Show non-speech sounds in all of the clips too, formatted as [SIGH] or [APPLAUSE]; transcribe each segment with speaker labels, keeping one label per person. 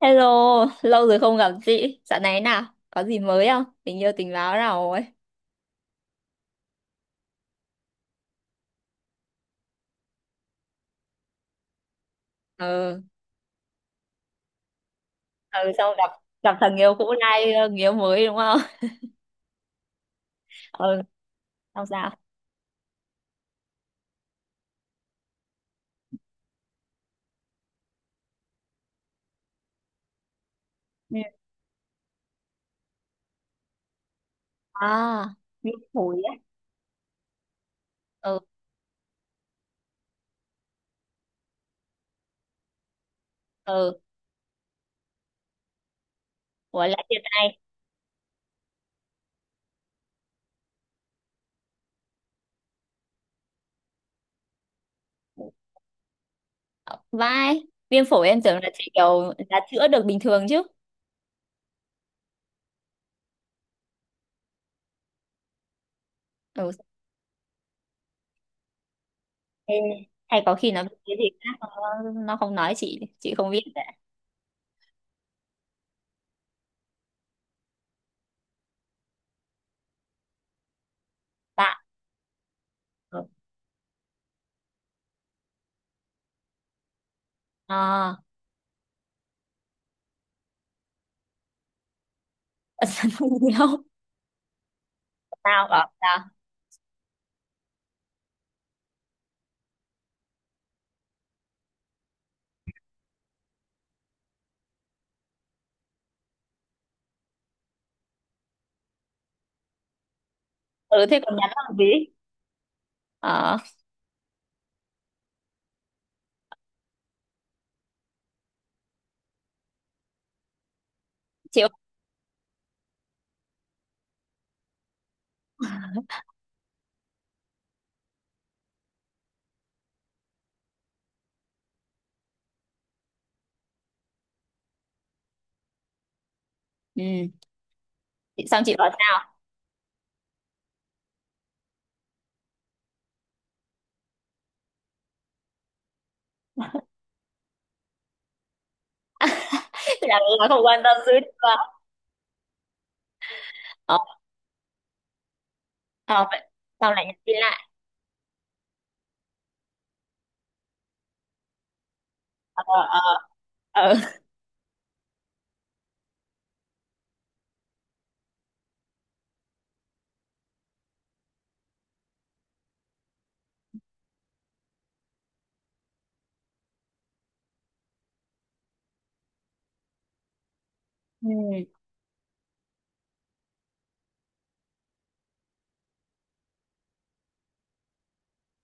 Speaker 1: Hello, lâu rồi không gặp chị. Dạo này nào, có gì mới không? Tình yêu tình báo nào rồi? Ừ, ừ, xong gặp gặp thằng yêu cũ nay người yêu mới đúng không? [LAUGHS] Ừ, xong sao? Ừ. À, viêm phổi á. Ừ, ừ, ủa lại chia tay. Ờ, vai, viêm phổi em tưởng là chị kiểu là chữa được bình thường chứ. Ừ, thế hay có khi nó bị cái gì khác nó không nói chị không biết đấy. Bạn, ừ. À, [LAUGHS] không? Sao bảo sao? Ừ, thế còn nhắn làm gì? Chị ừ. Chị xong chị bảo sao. [LAUGHS] là không quan tâm dữ chưa. Ờ ờ vậy, xong lại nhắn tin lại. Ờ ờ ờ. [LAUGHS] Ừ.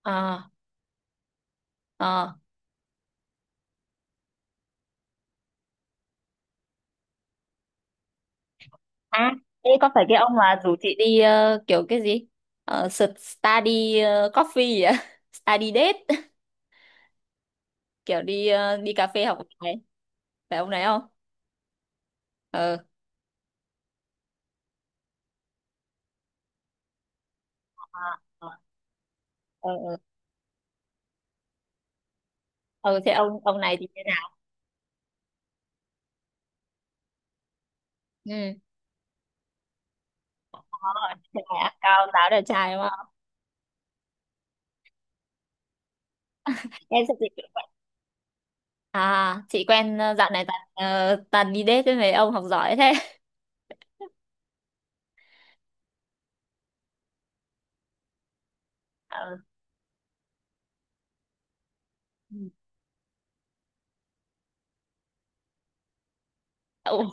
Speaker 1: Ờ ờ. À, thế có phải cái ông mà rủ chị đi kiểu cái gì study coffee gì á? [LAUGHS] Study date, kiểu đi đi cà phê học bài, phải ông này không? Ờ ờ ờ ờ ờ. Ờ, thế ông này thì thế nào? Ừ. Ờ, thế này á, cao giáo đẹp trai đúng không? Em sẽ dịch. À, chị quen dạo này toàn toàn đi date với mấy ông học giỏi thế. [LAUGHS] Ờ, ừ. Ồ,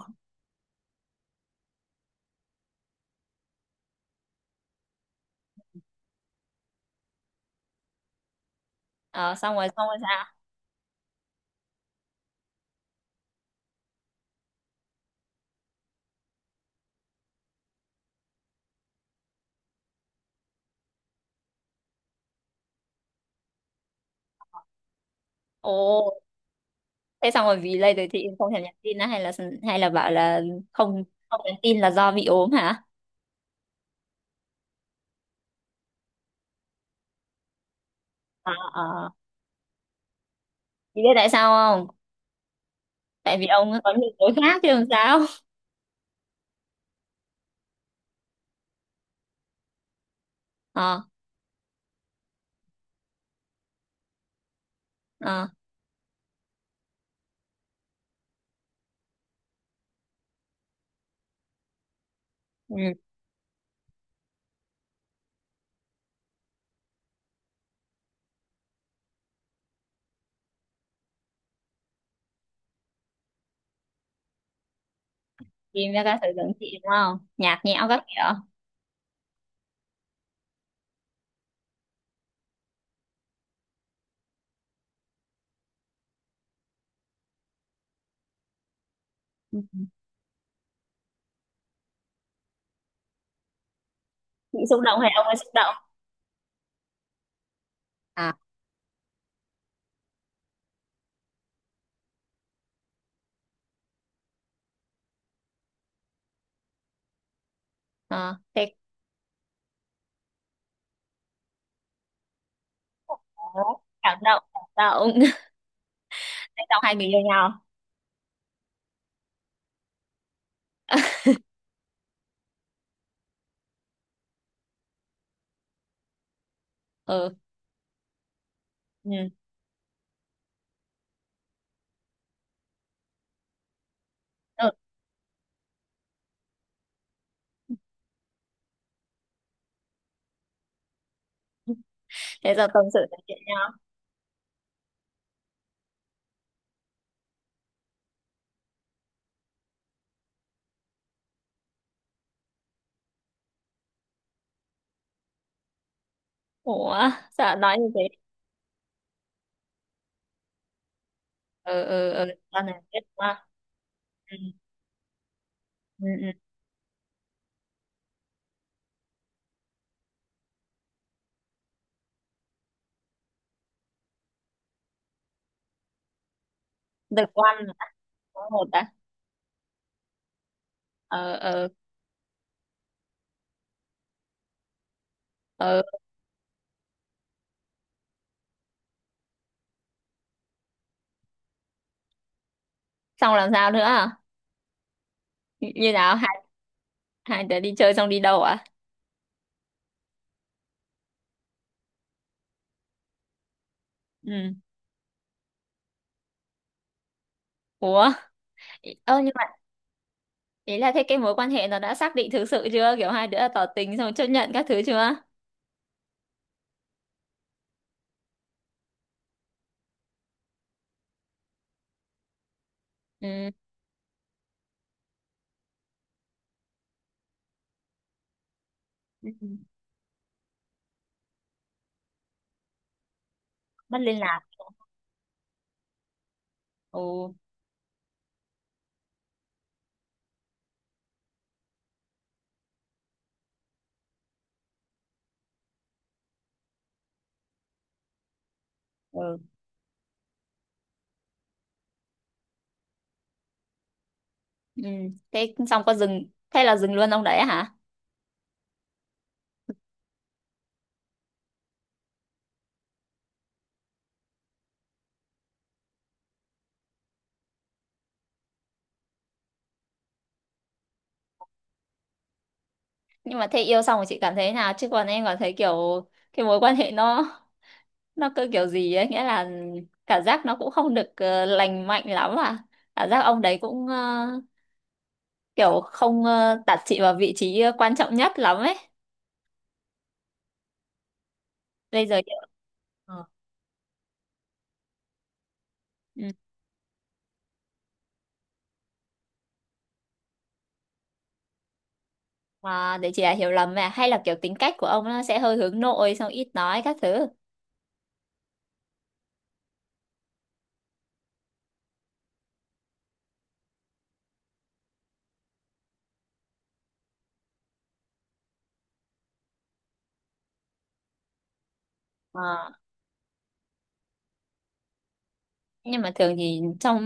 Speaker 1: ờ, xong rồi sao? Ồ, thế xong rồi vì lây rồi chị không thèm nhắn tin á hay là bảo là không, không nhắn tin là do bị ốm hả? Ờ ờ. Chị biết tại sao không? Tại vì ông có nhiều tối khác chứ làm sao? Ờ ờ. Ừ. Tìm ra các sở trường chị đúng không? Nhạt nhẽo các kiểu. Ừ. Chị xúc động hay ông ấy xúc động? À, ờ, thế có cảm động cảm động. [LAUGHS] Thế xong hai người yêu nhau. Ừ. Ừ. Ừ. Thế giờ tâm sự nói chuyện nhau. Ủa, dạ nói như thế. Ừ, ừ, ừ, con này biết quá. Ừ, ừ, ừ, được quan là có một đã. Ờ ờ ờ. Xong làm sao nữa à? Như như nào, hai, hai đứa đi chơi xong đi đâu à? Ừ. Ủa, ơ nhưng mà ý là thế cái mối quan hệ nó đã xác định thực sự chưa, kiểu hai đứa đã tỏ tình xong chấp nhận các thứ chưa? Ừ ừ. Mất liên lạc. Ồ. Ừ ừ. Thế xong có dừng, thế là dừng luôn ông đấy hả? Nhưng mà thế yêu xong rồi chị cảm thấy thế nào chứ còn em cảm thấy kiểu cái mối quan hệ nó cứ kiểu gì ấy, nghĩa là cảm giác nó cũng không được lành mạnh lắm à. Cảm giác ông đấy cũng kiểu không đặt chị vào vị trí quan trọng nhất lắm ấy bây giờ. Ờ. Ừ. À, để chị là hiểu lầm mà hay là kiểu tính cách của ông nó sẽ hơi hướng nội xong ít nói các thứ. Nhưng mà thường thì trong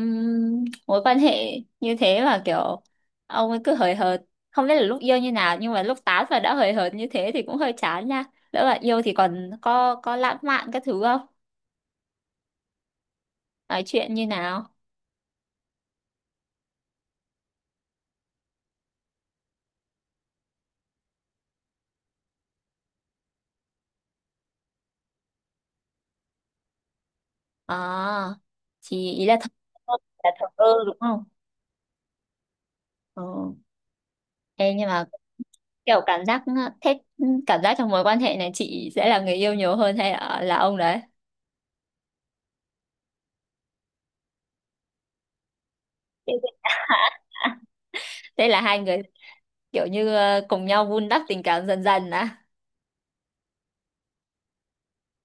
Speaker 1: mối quan hệ như thế mà kiểu ông ấy cứ hời hợt, không biết là lúc yêu như nào nhưng mà lúc tán và đã hời hợt như thế thì cũng hơi chán nha. Lỡ bạn yêu thì còn có lãng mạn các thứ không, nói chuyện như nào? À thì ý ơ, là thờ ơ đúng không? Ừ. Ê, nhưng mà kiểu cảm giác thế, cảm giác trong mối quan hệ này chị sẽ là người yêu nhiều hơn hay là ông đấy? Thế là hai người kiểu như cùng nhau vun đắp tình cảm dần dần á?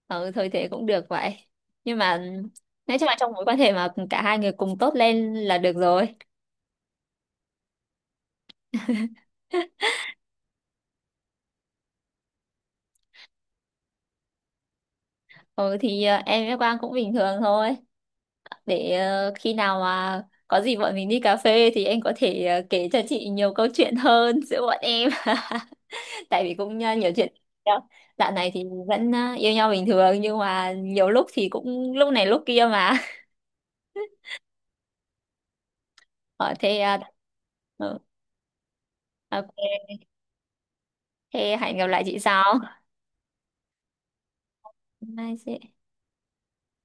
Speaker 1: Ừ thôi thế cũng được vậy, nhưng mà nói chung là trong mối quan hệ mà cả hai người cùng tốt lên là được rồi. [LAUGHS] Ừ thì em với Quang cũng bình thường thôi, để khi nào mà có gì bọn mình đi cà phê thì em có thể kể cho chị nhiều câu chuyện hơn [LAUGHS] giữa bọn em. [LAUGHS] Tại vì cũng nhiều chuyện đó. Dạo này thì vẫn yêu nhau bình thường nhưng mà nhiều lúc thì cũng lúc này lúc kia mà. [LAUGHS] Ở thế, ừ, ok. Thế hẹn gặp lại chị sau. Bye chị.